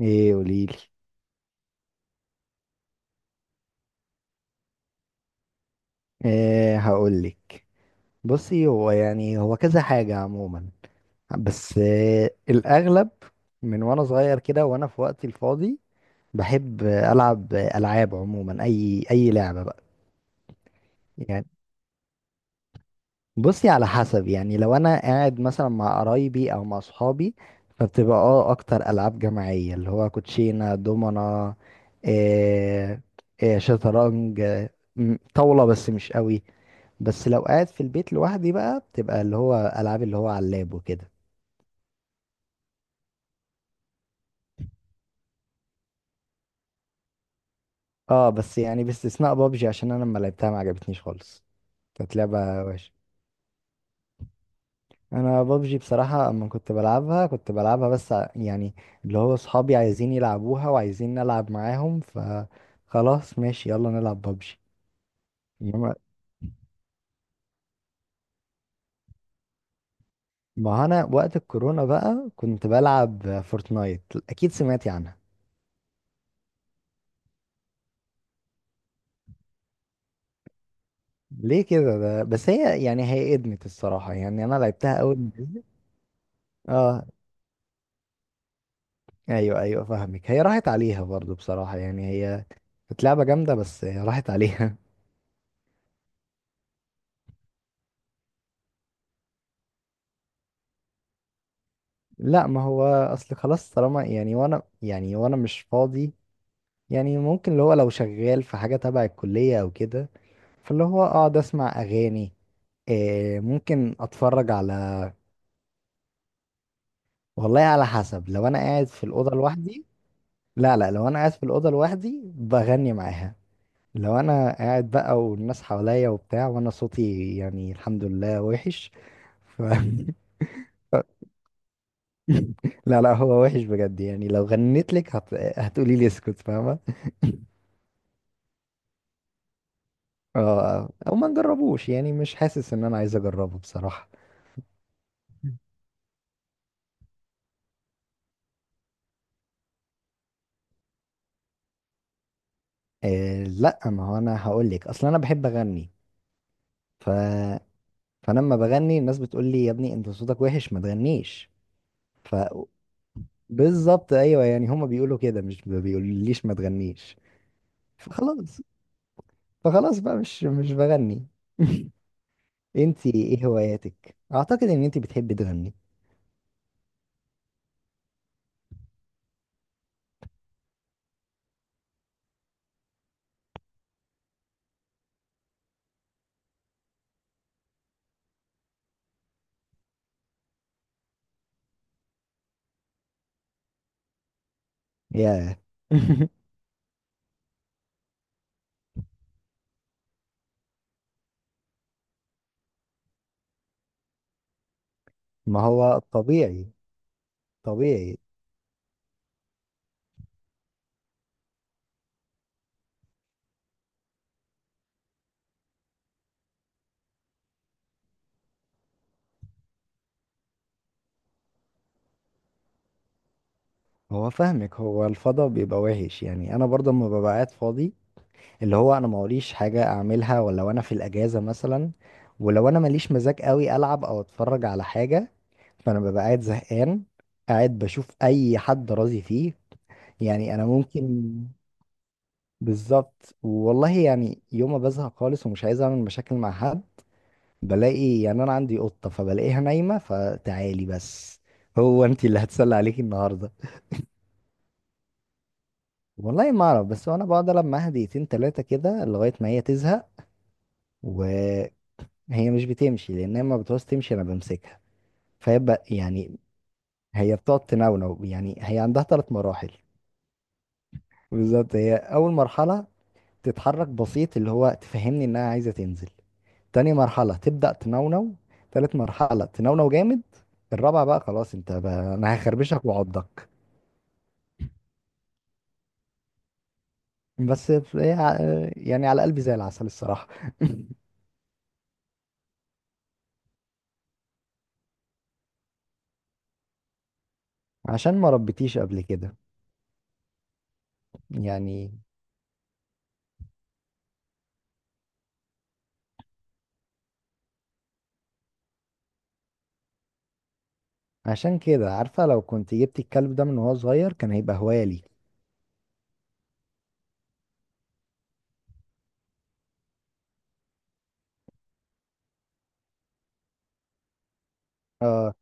ايه؟ قوليلي. ايه هقولك. بصي، هو هو كذا حاجة عموما، بس إيه الأغلب، من وأنا صغير كده وأنا في وقتي الفاضي بحب ألعب ألعاب عموما. أي لعبة بقى. يعني بصي، على حسب، يعني لو أنا قاعد مثلا مع قرايبي أو مع صحابي، فبتبقى أكتر ألعاب جماعية اللي هو كوتشينة، دومنا، إيه، إيه، شطرنج، إيه، طاولة بس مش قوي. بس لو قاعد في البيت لوحدي بقى بتبقى اللي هو العاب اللي هو على اللاب وكده. اه، بس يعني باستثناء بابجي، عشان انا لما لعبتها ما عجبتنيش خالص. كانت لعبة وحشة. انا بابجي بصراحة اما كنت بلعبها كنت بلعبها بس يعني اللي هو صحابي عايزين يلعبوها وعايزين نلعب معاهم، فخلاص ماشي يلا نلعب بابجي. انما، ما انا وقت الكورونا بقى كنت بلعب فورتنايت. اكيد سمعتي عنها. ليه كده؟ ده بس هي هي ادمت الصراحة، يعني انا لعبتها اول ما نزلت. اه، ايوه ايوه فاهمك. هي راحت عليها برضو بصراحة، يعني هي كانت لعبة جامدة بس هي راحت عليها. لا، ما هو اصل خلاص، طالما وانا مش فاضي، يعني ممكن اللي هو لو شغال في حاجة تبع الكلية او كده، فاللي هو اقعد اسمع اغاني، إيه، ممكن اتفرج على. والله على حسب، لو انا قاعد في الأوضة لوحدي. لا لا، لو انا قاعد في الأوضة لوحدي بغني معاها. لو انا قاعد بقى والناس حواليا وبتاع، وانا صوتي يعني الحمد لله وحش، ف لا لا، هو وحش بجد، يعني لو غنيت لك هتقولي لي اسكت، فاهمه. اه، او ما نجربوش، يعني مش حاسس ان انا عايز اجربه بصراحه. آه لا، ما هو انا هقول لك اصلا انا بحب اغني، ف، فلما بغني الناس بتقول لي يا ابني انت صوتك وحش ما تغنيش، ف، بالظبط ايوه، يعني هما بيقولوا كده، مش ما بيقوليش ما تغنيش. فخلاص، فخلاص بقى مش بغني. انت ايه هواياتك؟ اعتقد ان انت بتحبي تغني. ياه. ما هو طبيعي. طبيعي. هو فاهمك، هو الفضا بيبقى وحش، يعني انا برضه لما ببقى قاعد فاضي، اللي هو انا موريش حاجه اعملها ولا وانا في الاجازه مثلا، ولو انا ماليش مزاج قوي العب او اتفرج على حاجه، فانا ببقى قاعد زهقان، قاعد بشوف اي حد راضي فيه، يعني انا ممكن. بالظبط والله، يعني يوم ما بزهق خالص ومش عايز اعمل مشاكل مع حد، بلاقي يعني انا عندي قطه فبلاقيها نايمه، فتعالي بس، هو انت اللي هتسلى عليكي النهارده. والله ما اعرف، بس انا بقعد العب معاها دقيقتين تلاتة كده لغاية ما هي تزهق. وهي مش بتمشي، لان هي ما بتعوز تمشي، انا بمسكها، يعني هي بتقعد تنونو، يعني هي عندها ثلاث مراحل. بالظبط، هي اول مرحلة تتحرك بسيط اللي هو تفهمني انها عايزة تنزل، تاني مرحلة تبدأ تنونو، تالت مرحلة تنونو جامد، الرابعة بقى خلاص انت بقى انا هخربشك وعضك. بس هي ع- يعني على قلبي زي العسل الصراحة. عشان ما ربيتيش قبل كده يعني. عشان كده عارفة لو كنت جبت الكلب ده من وهو صغير كان هيبقى هواية ليك. اه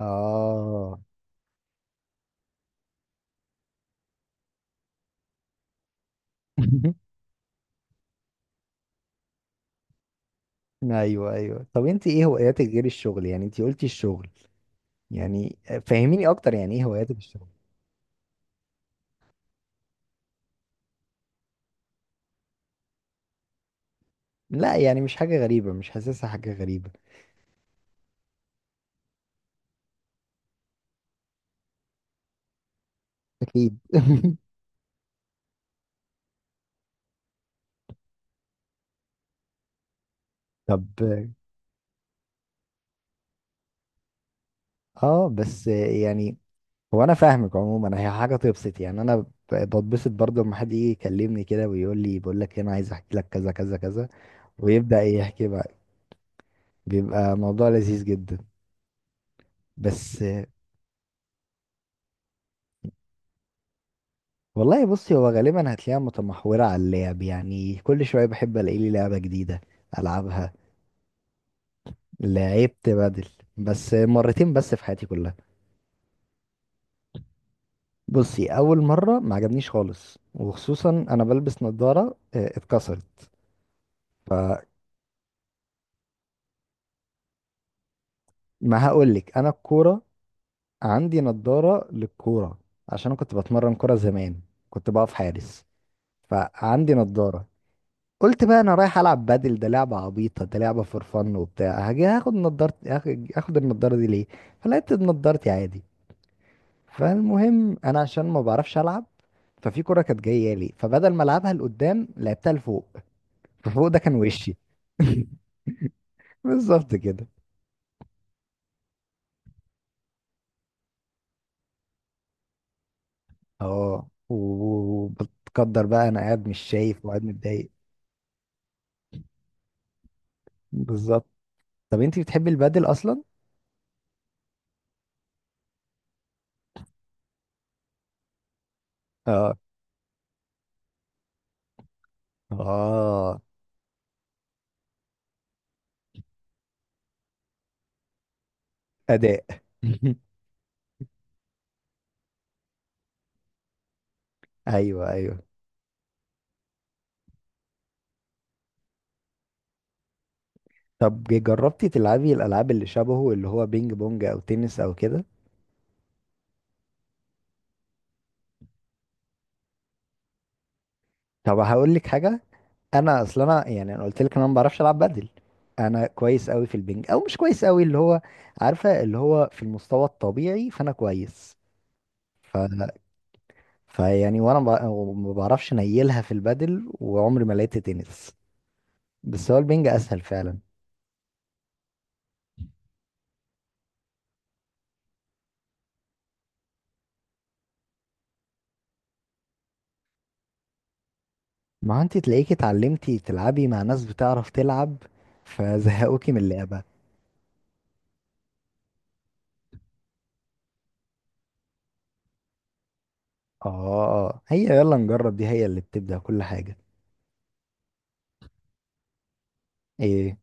اه. ايوه ايوه، طب انت ايه هواياتك غير الشغل؟ يعني انت قلتي الشغل، يعني فهميني اكتر، يعني ايه هواياتك؟ الشغل؟ لا يعني مش حاجة غريبة، مش حاسسها حاجة غريبة. اكيد. طب اه، بس يعني هو انا فاهمك عموما، هي حاجة تبسط، يعني بتبسط برضه لما حد يجي يكلمني كده ويقول لي بقول لك انا عايز احكي لك كذا كذا كذا، ويبدأ يحكي بقى، بيبقى موضوع لذيذ جدا. بس والله بصي، هو غالبا هتلاقيها متمحورة على اللعب، يعني كل شوية بحب الاقي لي لعبة جديدة العبها. لعبت بدل، بس مرتين بس في حياتي كلها. بصي، اول مرة ما عجبنيش خالص، وخصوصا انا بلبس نظارة، آه، اتكسرت. فما، هقولك انا الكورة، عندي نظارة للكورة، عشان انا كنت بتمرن كورة زمان، كنت بقف حارس، فعندي نظارة. قلت بقى انا رايح العب بادل، ده لعبه عبيطه، ده لعبه فور فن وبتاع، هاجي هاخد نضارتي، هاخد النضاره دي ليه؟ فلقيت نضارتي عادي. فالمهم انا عشان ما بعرفش العب، ففي كره كانت جايه لي، فبدل ما العبها لقدام لعبتها لفوق. ففوق ده كان وشي. بالظبط كده. اه و- وبتقدر بقى انا قاعد مش شايف وقاعد متضايق. بالظبط. طب انت بتحبي البادل اصلا؟ اه اه. اداء. ايوه ايوه، طب جربتي تلعبي الالعاب اللي شبهه اللي هو بينج بونج او تنس او كده؟ طب هقول لك حاجه، انا قلت لك انا ما بعرفش العب بدل. انا كويس قوي في البينج، او مش كويس قوي اللي هو، عارفه اللي هو في المستوى الطبيعي، فانا كويس، ف، فيعني وانا ب- ما بعرفش نيلها في البدل، وعمري ما لقيت تنس، بس هو البينج اسهل فعلا. ما هو انت تلاقيكي اتعلمتي تلعبي مع ناس بتعرف تلعب، فزهقوكي من اللعبه. اه، هي يلا نجرب دي هي اللي بتبدأ كل حاجة. ايه؟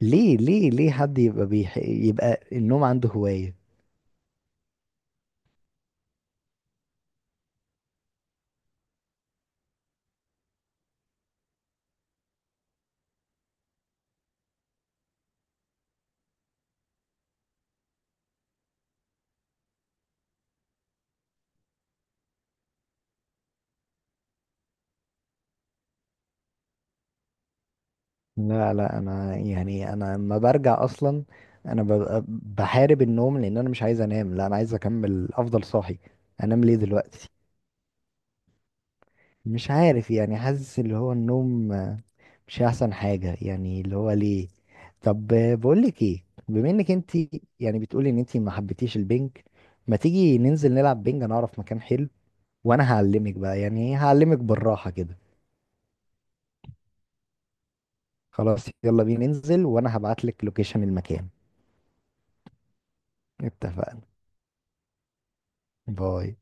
ليه حد يبقى يبقى النوم عنده هواية؟ لا لا، انا يعني انا لما برجع اصلا انا ببقى بحارب النوم، لان انا مش عايز انام، لا انا عايز اكمل افضل صاحي، انام ليه دلوقتي؟ مش عارف، يعني حاسس اللي هو النوم، آه، مش احسن حاجة، يعني اللي هو ليه. طب آه، بقولك ايه، بما انك انت، يعني بتقولي ان انت ما حبيتيش البنك، ما تيجي ننزل نلعب بنج؟ انا اعرف مكان حلو، وانا هعلمك بقى، يعني ايه، هعلمك بالراحة كده. خلاص يلا بينا ننزل، وانا هبعت لك لوكيشن المكان. اتفقنا. باي.